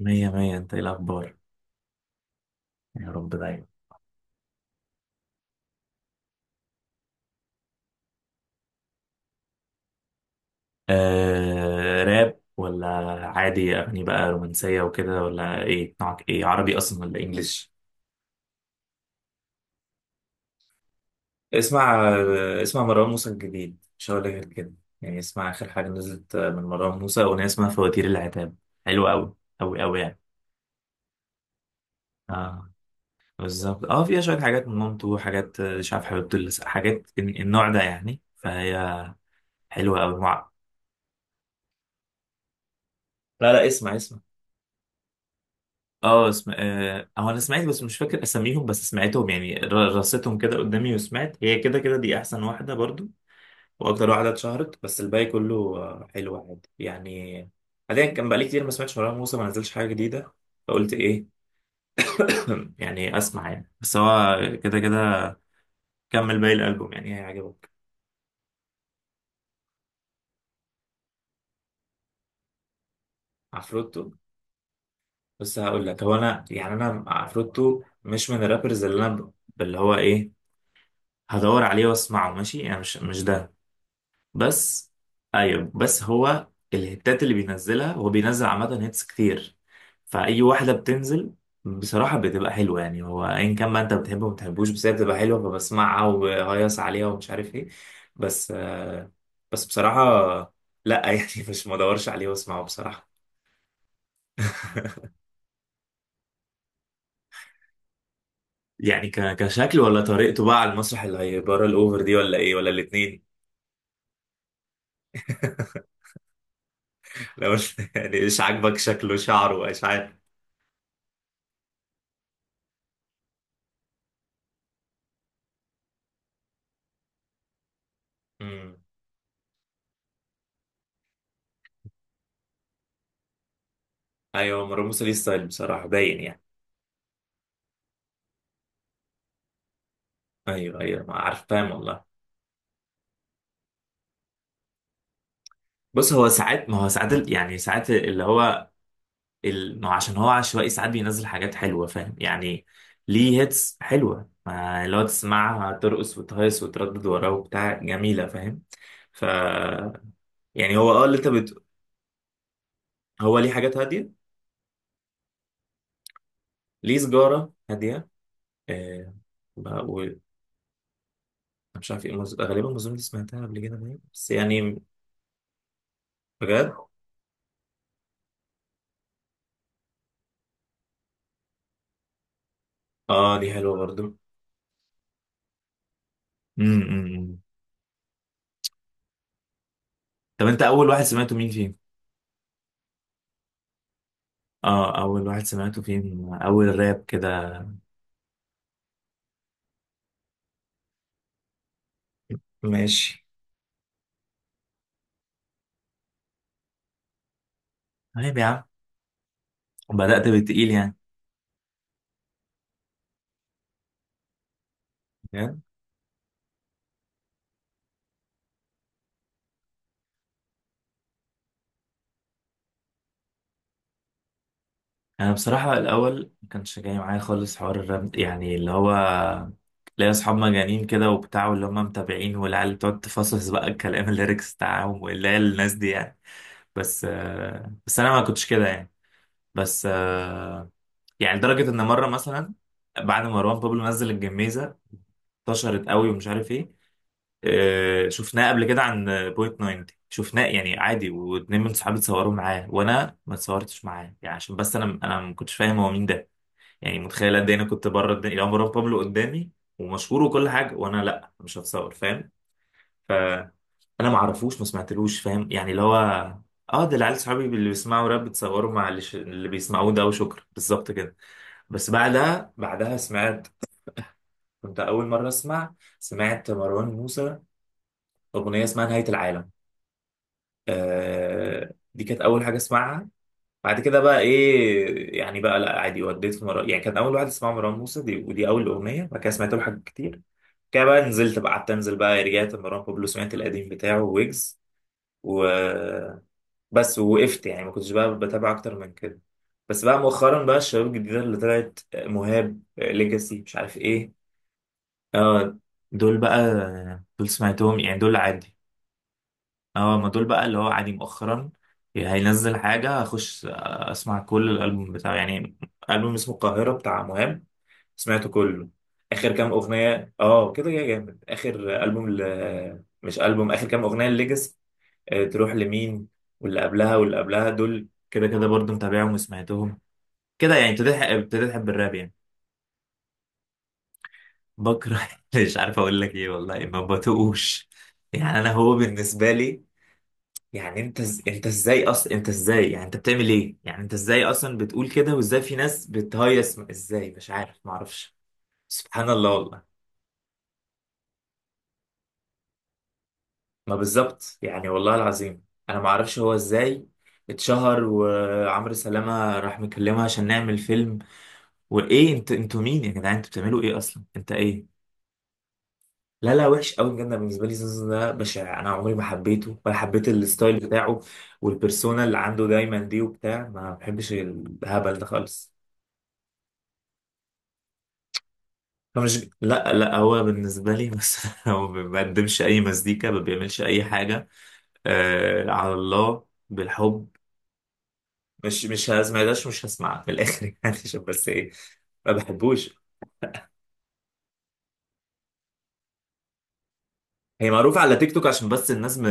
مية مية، انت ايه الاخبار؟ يا رب دايما. آه، راب ولا عادي؟ اغاني بقى رومانسية وكده ولا ايه؟ نوعك ايه، عربي اصلا ولا انجليش؟ اسمع اسمع مروان موسى الجديد، مش هقول لك غير كده. يعني اسمع اخر حاجة نزلت من مروان موسى اغنية اسمها فواتير العتاب. حلوة قوي قوي قوي يعني. اه بالظبط، اه فيها شوية حاجات من مامته وحاجات، مش عارف حبيبته حاجات النوع ده يعني، فهي حلوة قوي. لا، اسمع اسمع. اه اسم... آه، هو انا سمعت بس مش فاكر اساميهم، بس سمعتهم يعني رصيتهم كده قدامي وسمعت هي كده كده دي احسن واحده برضو واكتر واحده اتشهرت، بس الباقي كله حلو عادي يعني. حاليا كان بقالي كتير ما سمعتش مروان موسى، ما نزلش حاجه جديده، فقلت ايه. يعني اسمع يعني، بس هو كده كده كمل باقي الالبوم يعني هيعجبك. عفروتو؟ بس هقول لك، هو انا يعني انا عفروتو مش من الرابرز اللي هو ايه، هدور عليه واسمعه ماشي يعني، مش ده بس. ايوه بس هو الهيتات اللي بينزلها، هو بينزل عامة هيتس كتير، فأي واحدة بتنزل بصراحة بتبقى حلوة يعني. هو أيا كان بقى، أنت بتحبه وما بتحبوش، بس هي بتبقى حلوة فبسمعها وبهيص عليها ومش عارف إيه. بس آه، بس بصراحة لأ يعني مش مدورش عليه وأسمعه بصراحة. يعني كشكل ولا طريقته بقى على المسرح اللي هي بره الأوفر دي، ولا إيه ولا الاتنين؟ لو يعني إيش عاجبك، شكله، شعره، إيش؟ عارف. ايوه مروان موسى ليه ستايل بصراحه باين يعني. ايوه ايوه، ما عارف فاهم والله. بص هو ساعات، ما هو ساعات ال- يعني ساعات اللي هو ما هو عشان هو عشوائي، ساعات بينزل حاجات حلوه فاهم يعني. ليه هيتس حلوه، ما اللي هو تسمعها ترقص وتهيص وتردد وراه وبتاع جميله فاهم. ف يعني هو اه هو ليه حاجات هاديه. ليه سجاره هاديه. آه... بقى أنا مش عارف ايه غالبا المزون اللي سمعتها قبل كده باين، بس يعني بجد. اه دي حلوه برضو. امم. طب انت اول واحد سمعته مين فيهم؟ اه اول واحد سمعته فيهم، اول راب كده؟ ماشي. طيب يا عم بدأت بالتقيل يعني. فاهم؟ انا بصراحة الاول ما كانش جاي معايا خالص حوار الراب، يعني اللي هو ليا اصحاب مجانين كده وبتاع، واللي هم متابعين، والعيال بتقعد تفصص بقى الكلام الليركس بتاعهم، واللي هي الناس دي يعني. بس انا ما كنتش كده يعني. بس آه، يعني لدرجة ان مرة مثلا بعد ما مروان بابلو نزل الجميزة، انتشرت قوي ومش عارف ايه. شفناه قبل كده عن بوينت 90، شفناه يعني عادي، واتنين من صحابي اتصوروا معاه وانا ما اتصورتش معاه يعني، عشان بس انا ما كنتش فاهم هو مين ده. يعني متخيل قد ايه انا كنت بره الدنيا، لو مروان بابلو قدامي ومشهور وكل حاجه وانا لا مش هتصور، فاهم؟ فانا ما اعرفوش، ما سمعتلوش فاهم يعني، اللي هو اه ده العيال صحابي اللي بيسمعوا راب بيتصوروا مع اللي بيسمعوه ده وشكرا، بالظبط كده. بس بعدها، بعدها سمعت، كنت اول مره اسمع، سمعت مروان موسى اغنيه اسمها نهايه العالم. آه دي كانت اول حاجه اسمعها. بعد كده بقى ايه يعني، بقى لا عادي وديت في مرة يعني. كان اول واحد اسمها مروان موسى دي، ودي اول اغنيه. بعد كده سمعت له حاجات كتير كده، بقى نزلت بقى، قعدت انزل بقى، رجعت مروان بابلو سمعت القديم بتاعه ويجز و بس، ووقفت يعني ما كنتش بقى بتابع اكتر من كده. بس بقى مؤخرا بقى الشباب الجديده اللي طلعت، مهاب، ليجاسي، مش عارف ايه. اه دول بقى، آه، دول سمعتهم يعني، دول عادي. اه ما دول بقى اللي هو عادي مؤخرا. هينزل حاجة هخش اسمع كل الألبوم بتاعه يعني. ألبوم اسمه القاهرة بتاع مهاب سمعته كله، آخر كام أغنية اه كده يا جامد. آخر ألبوم مش ألبوم، آخر كام أغنية الليجاسي تروح لمين، واللي قبلها واللي قبلها، دول كده كده برضه متابعهم وسمعتهم كده يعني. ابتديت أحب الراب يعني. بكره مش عارف أقول لك إيه والله، ما بتقوش يعني. أنا هو بالنسبة لي يعني، انت ازاي اصلا، انت ازاي يعني، انت بتعمل ايه يعني، انت ازاي اصلا بتقول كده، وازاي في ناس بتهيص، ازاي مش عارف، ما اعرفش. سبحان الله والله. ما بالظبط يعني، والله العظيم انا ما اعرفش هو ازاي اتشهر، وعمرو سلامة راح مكلمها عشان نعمل فيلم. وايه؟ انت، انتوا مين يا جدعان؟ انتوا بتعملوا ايه اصلا، انت ايه؟ لا، وحش قوي بجد، أنا بالنسبه لي زوزو ده بشع، انا عمري ما حبيته ولا حبيت الستايل بتاعه، والبرسونا اللي عنده دايما دي وبتاع، ما بحبش الهبل ده خالص. هو مش لا لا هو بالنسبة لي مثلا هو ما بيقدمش أي مزيكا، ما بيعملش أي حاجة. آه على الله بالحب. مش هسمعهاش، مش هسمعها في الآخر يعني عشان بس إيه، ما بحبوش. هي معروفة على تيك توك عشان بس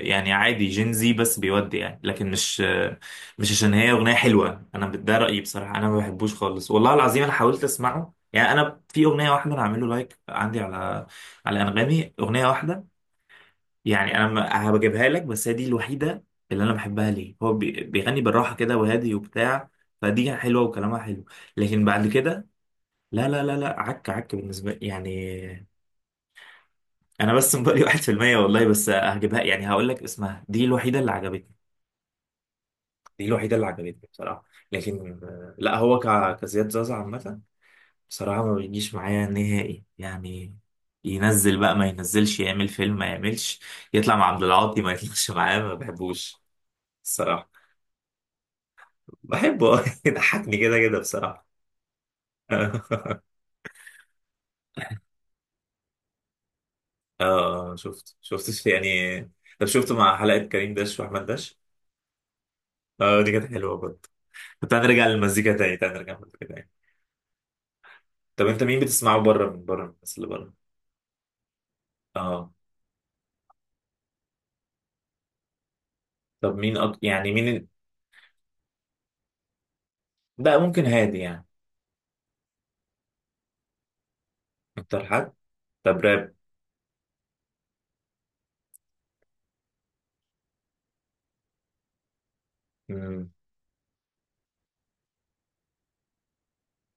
يعني عادي جينزي بس بيودي يعني، لكن مش مش عشان هي أغنية حلوة. أنا ده رأيي بصراحة، أنا ما بحبوش خالص والله العظيم، أنا حاولت أسمعه يعني. أنا في أغنية واحدة أنا عامل له لايك عندي على على أنغامي، أغنية واحدة يعني. انا ما- هبجيبها لك، بس هي دي الوحيده اللي انا بحبها. ليه؟ هو بيغني بالراحه كده وهادي وبتاع، فدي حلوه وكلامها حلو، لكن بعد كده لا لا لا لا، عك عك بالنسبه لي يعني. انا بس مبالي 1% والله، بس هجيبها يعني هقول لك اسمها، دي الوحيده اللي عجبتني. دي الوحيده اللي عجبتني بصراحه. لكن لا هو كزياد زازا عامه بصراحه ما بيجيش معايا نهائي يعني. ينزل بقى ما ينزلش، يعمل فيلم ما يعملش، يطلع مع عبد العاطي ما يطلعش معاه، ما بحبوش الصراحه. بحبه يضحكني كده كده بصراحة. اه، شفت يعني. طب شفت مع حلقة كريم داش وأحمد داش؟ اه دي كانت حلوة برضه. طب تعال نرجع للمزيكا تاني، تعال نرجع للمزيكا تاني. طب أنت مين بتسمعه بره، من بره الناس اللي بره؟ اه. طب مين يعني مين لا ممكن هادي يعني؟ أكتر حد؟ طب راب؟ مم.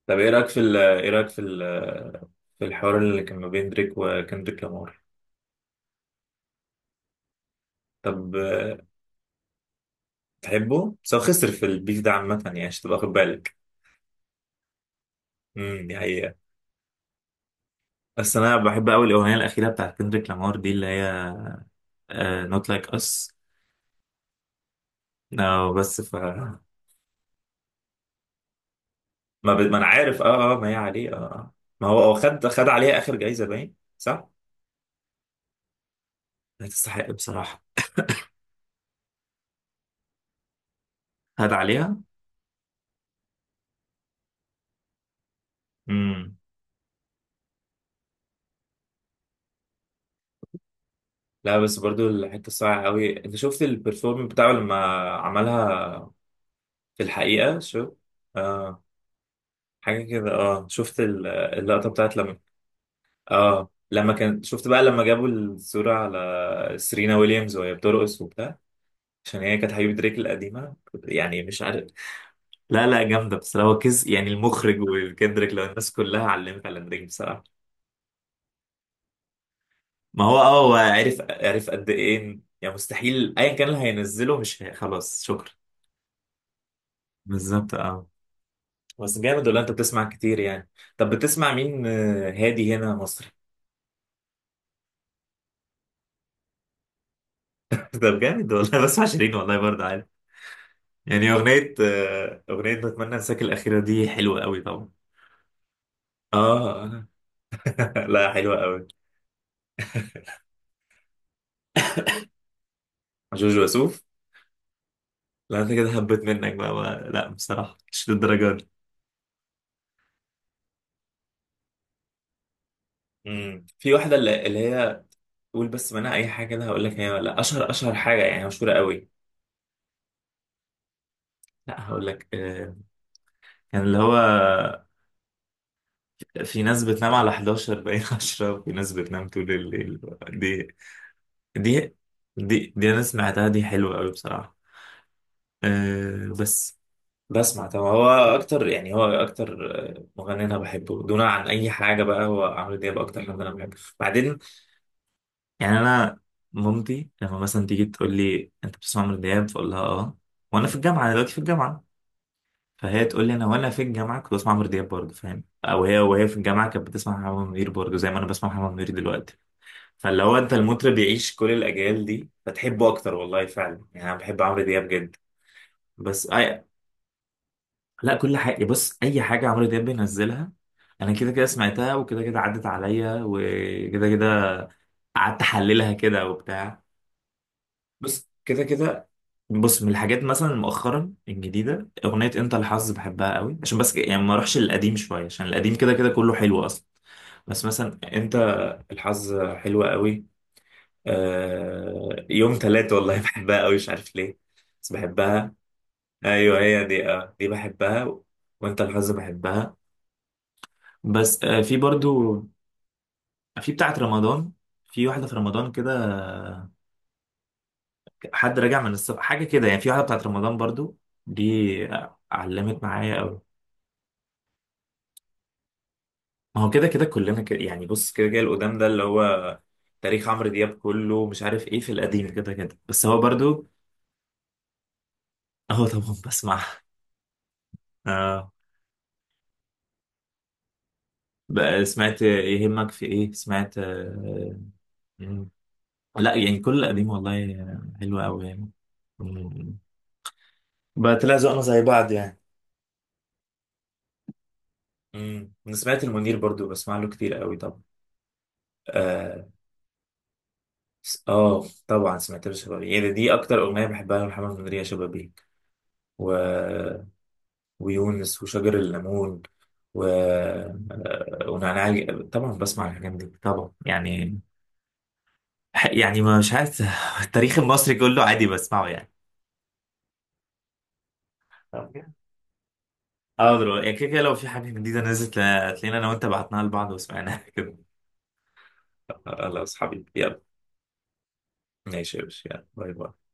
طب إيه رأيك إيه رأيك في ال في الحوار اللي كان ما بين دريك وكندريك لامار؟ طب تحبه؟ بس هو خسر في البيف ده عامة يعني، عشان تبقى واخد بالك. دي حقيقة. بس انا بحب قوي الاغنيه الاخيره بتاعت كندريك لامار دي، اللي هي نوت لايك اس. بس ف ما انا عارف اه اه، ما هي عليه اه آه. ما هو هو خد عليها اخر جايزه باين صح؟ لا تستحق بصراحه. خد عليها. امم. لا بس برضو الحته الصعبه قوي، انت شفت البرفورم بتاعه لما عملها؟ في الحقيقه شو، اه حاجه كده. اه شفت اللقطه بتاعت لما، اه لما كان شفت بقى لما جابوا الصوره على سيرينا ويليامز وهي بترقص وبتاع؟ عشان هي كانت حبيبة دريك القديمة، يعني مش عارف. لا، جامدة بس هو كز يعني المخرج، وكندريك لو الناس كلها علمت على دريك بصراحة. ما هو اه هو عرف عرف قد ايه يعني، مستحيل ايا كان اللي هينزله مش هي... خلاص شكرا. بالظبط اه. بس جامد، ولا انت بتسمع كتير يعني؟ طب بتسمع مين هادي؟ هنا مصري؟ طب جامد والله. بسمع شيرين والله برضه عادي. يعني اغنية اغنية بتمنى انساك الاخيرة دي حلوة قوي طبعا. اه آه. لا حلوة قوي. جوجو وسوف؟ لا انت كده هبت منك بقى. لا بصراحة مش للدرجة دي. امم. في واحدة اللي هي، قول بس منها أي حاجة كده هقول لك، هي ولا أشهر أشهر حاجة يعني مشهورة قوي. لا هقول لك كان اللي هو في ناس بتنام على 11 باين 10، وفي ناس بتنام طول الليل. دي دي دي دي أنا سمعتها، دي حلوة قوي بصراحة. بس، بسمع طبعا. هو أكتر يعني، هو أكتر مغني أنا بحبه دون عن أي حاجة بقى هو عمرو دياب، أكتر حد أنا بحبه. بعدين يعني انا مامتي لما مثلا تيجي تقول لي انت بتسمع عمرو دياب فاقول لها اه، وانا في الجامعه دلوقتي في الجامعه، فهي تقول لي انا وانا في الجامعه كنت بسمع عمرو دياب برضه فاهم، او هي وهي في الجامعه كانت بتسمع محمد منير برضه زي ما انا بسمع محمد منير دلوقتي. فاللي هو انت المطرب بيعيش كل الاجيال دي فتحبه اكتر والله فعلا يعني، انا بحب عمرو دياب جدا. بس لا كل حاجه. بص اي حاجه عمرو دياب بينزلها انا كده كده سمعتها، وكده كده عدت عليا، وكده كده قعدت احللها كده وبتاع. بص كده كده، بص من الحاجات مثلا مؤخرا الجديده اغنيه انت الحظ بحبها قوي، عشان بس يعني ما اروحش للقديم شويه عشان القديم كده كده كله حلو اصلا. بس مثلا انت الحظ حلوه قوي. آه يوم تلات والله بحبها قوي، مش عارف ليه بس بحبها. ايوه هي دي، آه دي بحبها، وانت الحظ بحبها. بس آه في برضو، في بتاعه رمضان، في واحده في رمضان كده، حد راجع من السفر حاجه كده يعني. في واحده بتاعه رمضان برضو دي، علمت معايا قوي. ما هو كده كده كلنا كده يعني، بص كده كده القدام ده اللي هو تاريخ عمرو دياب كله مش عارف ايه في القديم كده كده، بس هو برضو. اهو طبعا بسمع. آه بقى سمعت يهمك في ايه؟ سمعت آه. مم. لا يعني كل القديم والله حلو قوي يعني. مم. بقى طلع ذوقنا زي بعض يعني. مم. انا سمعت المنير برضو، بسمع له كتير قوي طبعا. اه طبعا سمعت له شبابيك، يعني دي اكتر اغنيه بحبها لمحمد منير، يا شبابيك و ويونس وشجر الليمون و... آه، ونعناع، طبعا بسمع الحاجات دي طبعا يعني. يعني مش عارف التاريخ المصري كله عادي بسمعه يعني. طب. اه دلوقتي يعني كده كده لو في حاجة جديدة نزلت تلاقينا انا وانت بعتناها لبعض وسمعناها كده. خلاص حبيبي يلا. ماشي يا باشا، يلا باي باي.